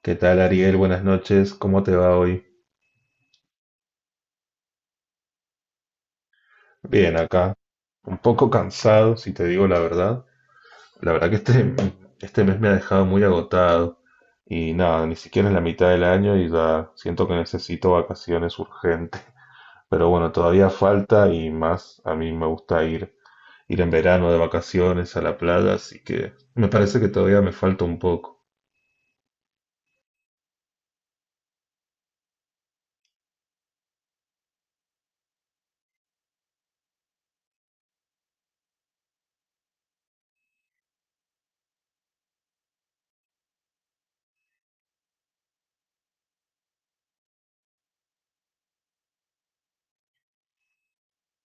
¿Qué tal, Ariel? Buenas noches. ¿Cómo te va hoy? Bien, acá. Un poco cansado, si te digo la verdad. La verdad que este mes me ha dejado muy agotado. Y nada, ni siquiera es la mitad del año y ya siento que necesito vacaciones urgentes. Pero bueno, todavía falta y más a mí me gusta ir en verano de vacaciones a la playa, así que me parece que todavía me falta un poco.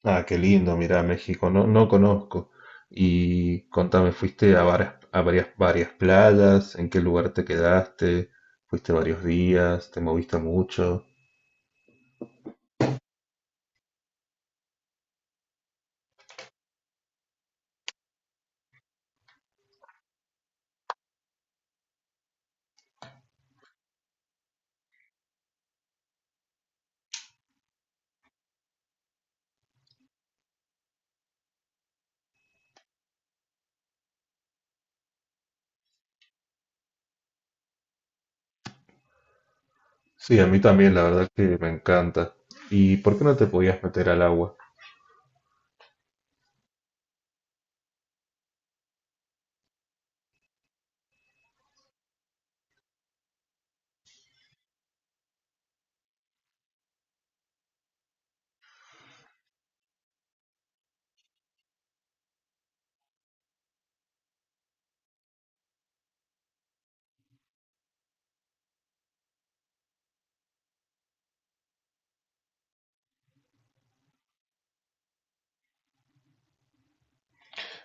Ah, qué lindo, mira, México, no, no conozco. Y contame, ¿fuiste a varias playas? ¿En qué lugar te quedaste? ¿Fuiste varios días? ¿Te moviste mucho? Sí, a mí también, la verdad que me encanta. ¿Y por qué no te podías meter al agua?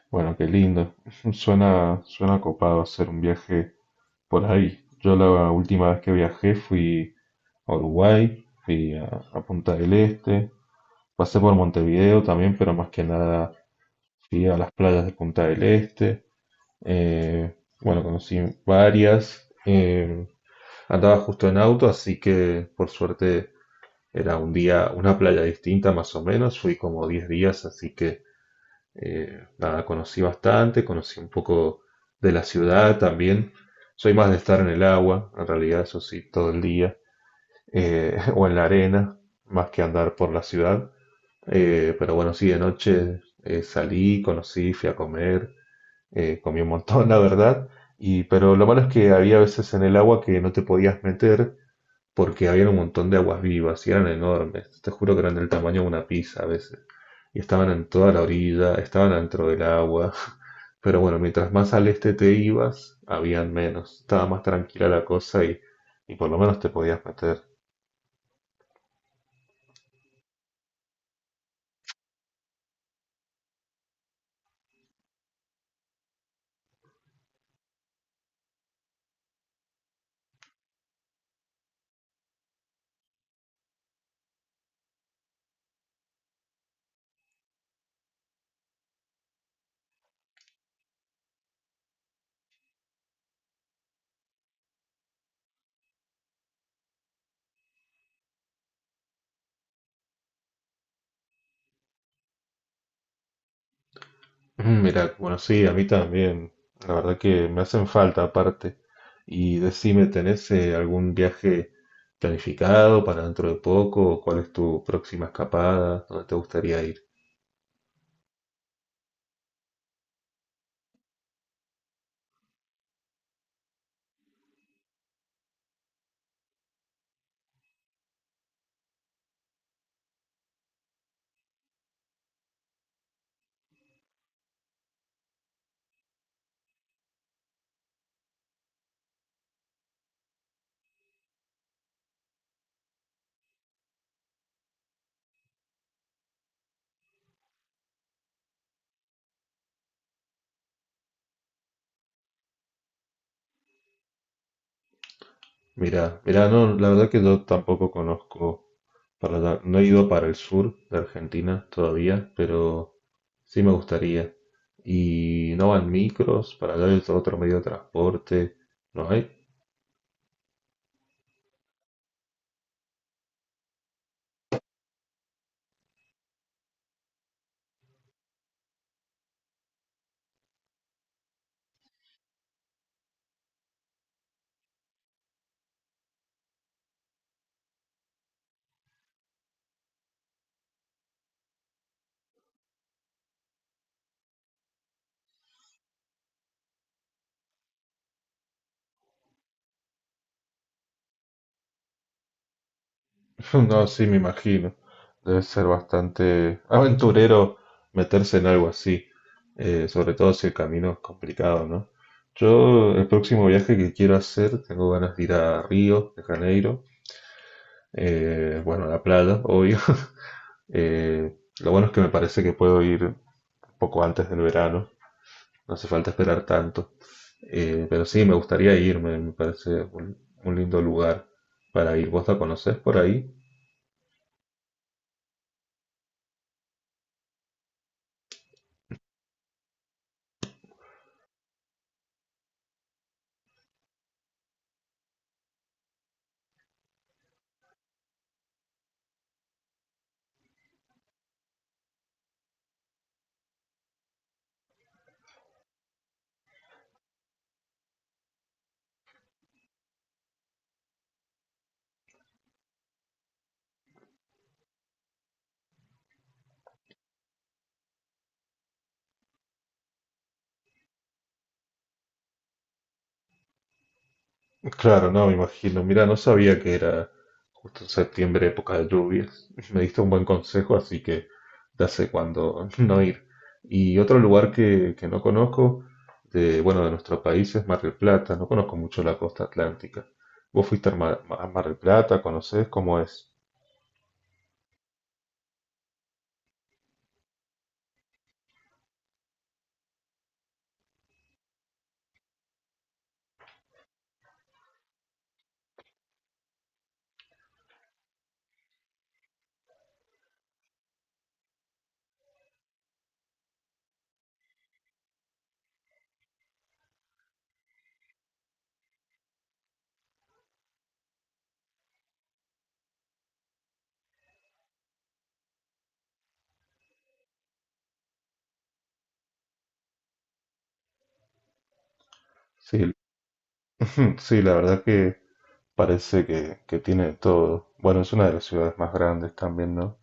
Bueno, qué lindo. Suena copado hacer un viaje por ahí. Yo la última vez que viajé fui a Uruguay, fui a Punta del Este, pasé por Montevideo también, pero más que nada fui a las playas de Punta del Este, eh, bueno, conocí varias, andaba justo en auto, así que por suerte era un día, una playa distinta más o menos, fui como 10 días, así que nada, conocí bastante, conocí un poco de la ciudad también, soy más de estar en el agua, en realidad eso sí, todo el día, o en la arena, más que andar por la ciudad. Pero bueno, sí, de noche salí, conocí, fui a comer, comí un montón, la verdad, y, pero lo malo es que había veces en el agua que no te podías meter porque había un montón de aguas vivas y eran enormes, te juro que eran del tamaño de una pizza a veces, y estaban en toda la orilla, estaban dentro del agua, pero bueno, mientras más al este te ibas, habían menos, estaba más tranquila la cosa y por lo menos te podías meter. Ujú. Mira, bueno, sí, a mí también. La verdad que me hacen falta aparte. Y decime, ¿tenés algún viaje planificado para dentro de poco? ¿Cuál es tu próxima escapada? ¿Dónde te gustaría ir? Mira, no, la verdad que yo tampoco conozco para allá. No he ido para el sur de Argentina todavía, pero sí me gustaría. Y no van micros, para allá es otro medio de transporte. ¿No hay? No, sí, me imagino. Debe ser bastante aventurero meterse en algo así, sobre todo si el camino es complicado, ¿no? Yo, el próximo viaje que quiero hacer, tengo ganas de ir a Río de Janeiro, bueno, a la playa, obvio. Lo bueno es que me parece que puedo ir un poco antes del verano, no hace falta esperar tanto. Pero sí, me gustaría irme, me parece un lindo lugar para ir. ¿Vos la conocés por ahí? Claro, no, me imagino. Mira, no sabía que era justo en septiembre, época de lluvias. Me diste un buen consejo, así que ya sé cuándo no ir. Y otro lugar que no conozco, de, bueno, de nuestro país es Mar del Plata. No conozco mucho la costa atlántica. ¿Vos fuiste a Mar del Plata? ¿Conocés cómo es? Sí, sí, la verdad que parece que tiene de todo. Bueno, es una de las ciudades más grandes también, ¿no?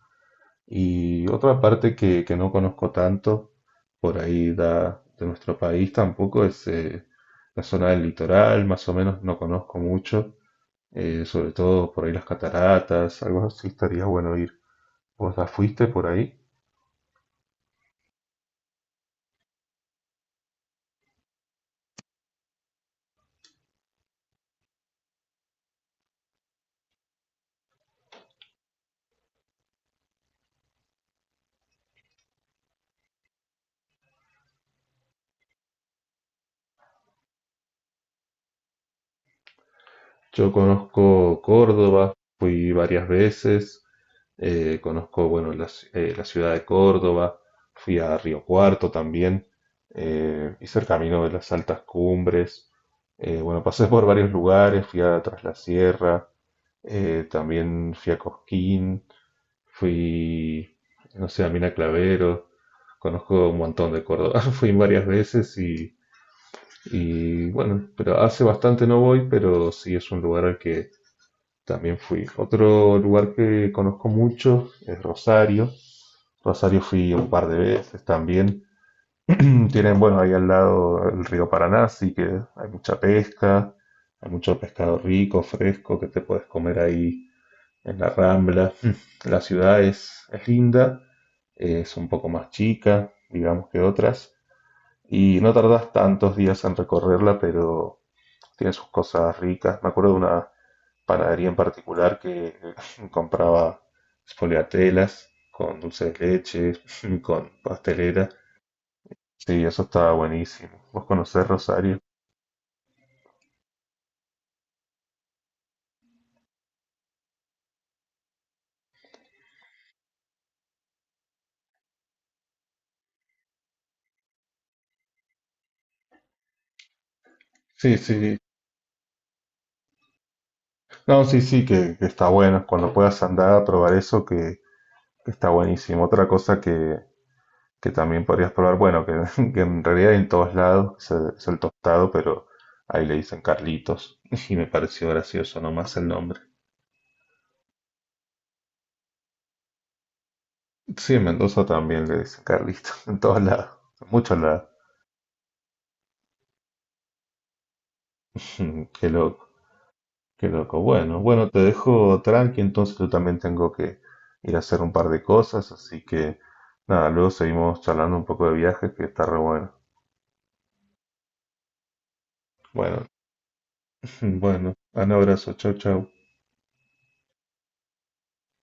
Y otra parte que no conozco tanto, por ahí da, de nuestro país tampoco, es la zona del litoral, más o menos no conozco mucho, sobre todo por ahí las cataratas, algo así estaría bueno ir. ¿Vos ya fuiste por ahí? Yo conozco Córdoba, fui varias veces, conozco, bueno, la ciudad de Córdoba, fui a Río Cuarto también, hice el camino de las altas cumbres, bueno, pasé por varios lugares, fui a Tras la Sierra, también fui a Cosquín, fui, no sé, a Mina Clavero, conozco un montón de Córdoba, fui varias veces y bueno, pero hace bastante no voy, pero sí es un lugar al que también fui. Otro lugar que conozco mucho es Rosario. Rosario fui un par de veces también. Tienen, bueno, ahí al lado el río Paraná, así que hay mucha pesca, hay mucho pescado rico, fresco, que te puedes comer ahí en la Rambla. La ciudad es linda, es un poco más chica, digamos que otras, y no tardas tantos días en recorrerla, pero tiene sus cosas ricas. Me acuerdo de una panadería en particular que compraba spoliatelas con dulce de leche, con pastelera. Sí, eso estaba buenísimo. ¿Vos conocés Rosario? Sí, sí. No, sí, que está bueno. Cuando puedas andar a probar eso, que está buenísimo. Otra cosa que también podrías probar, bueno, que, que en realidad hay en todos lados es es el tostado, pero ahí le dicen Carlitos y me pareció gracioso nomás el nombre. Sí, en Mendoza también le dicen Carlito, en todos lados, en muchos lados. Qué loco, qué loco. Bueno, bueno, te dejo tranqui, entonces yo también tengo que ir a hacer un par de cosas, así que nada, luego seguimos charlando un poco de viajes, que está re bueno. Bueno, bueno, un abrazo, chau, chau.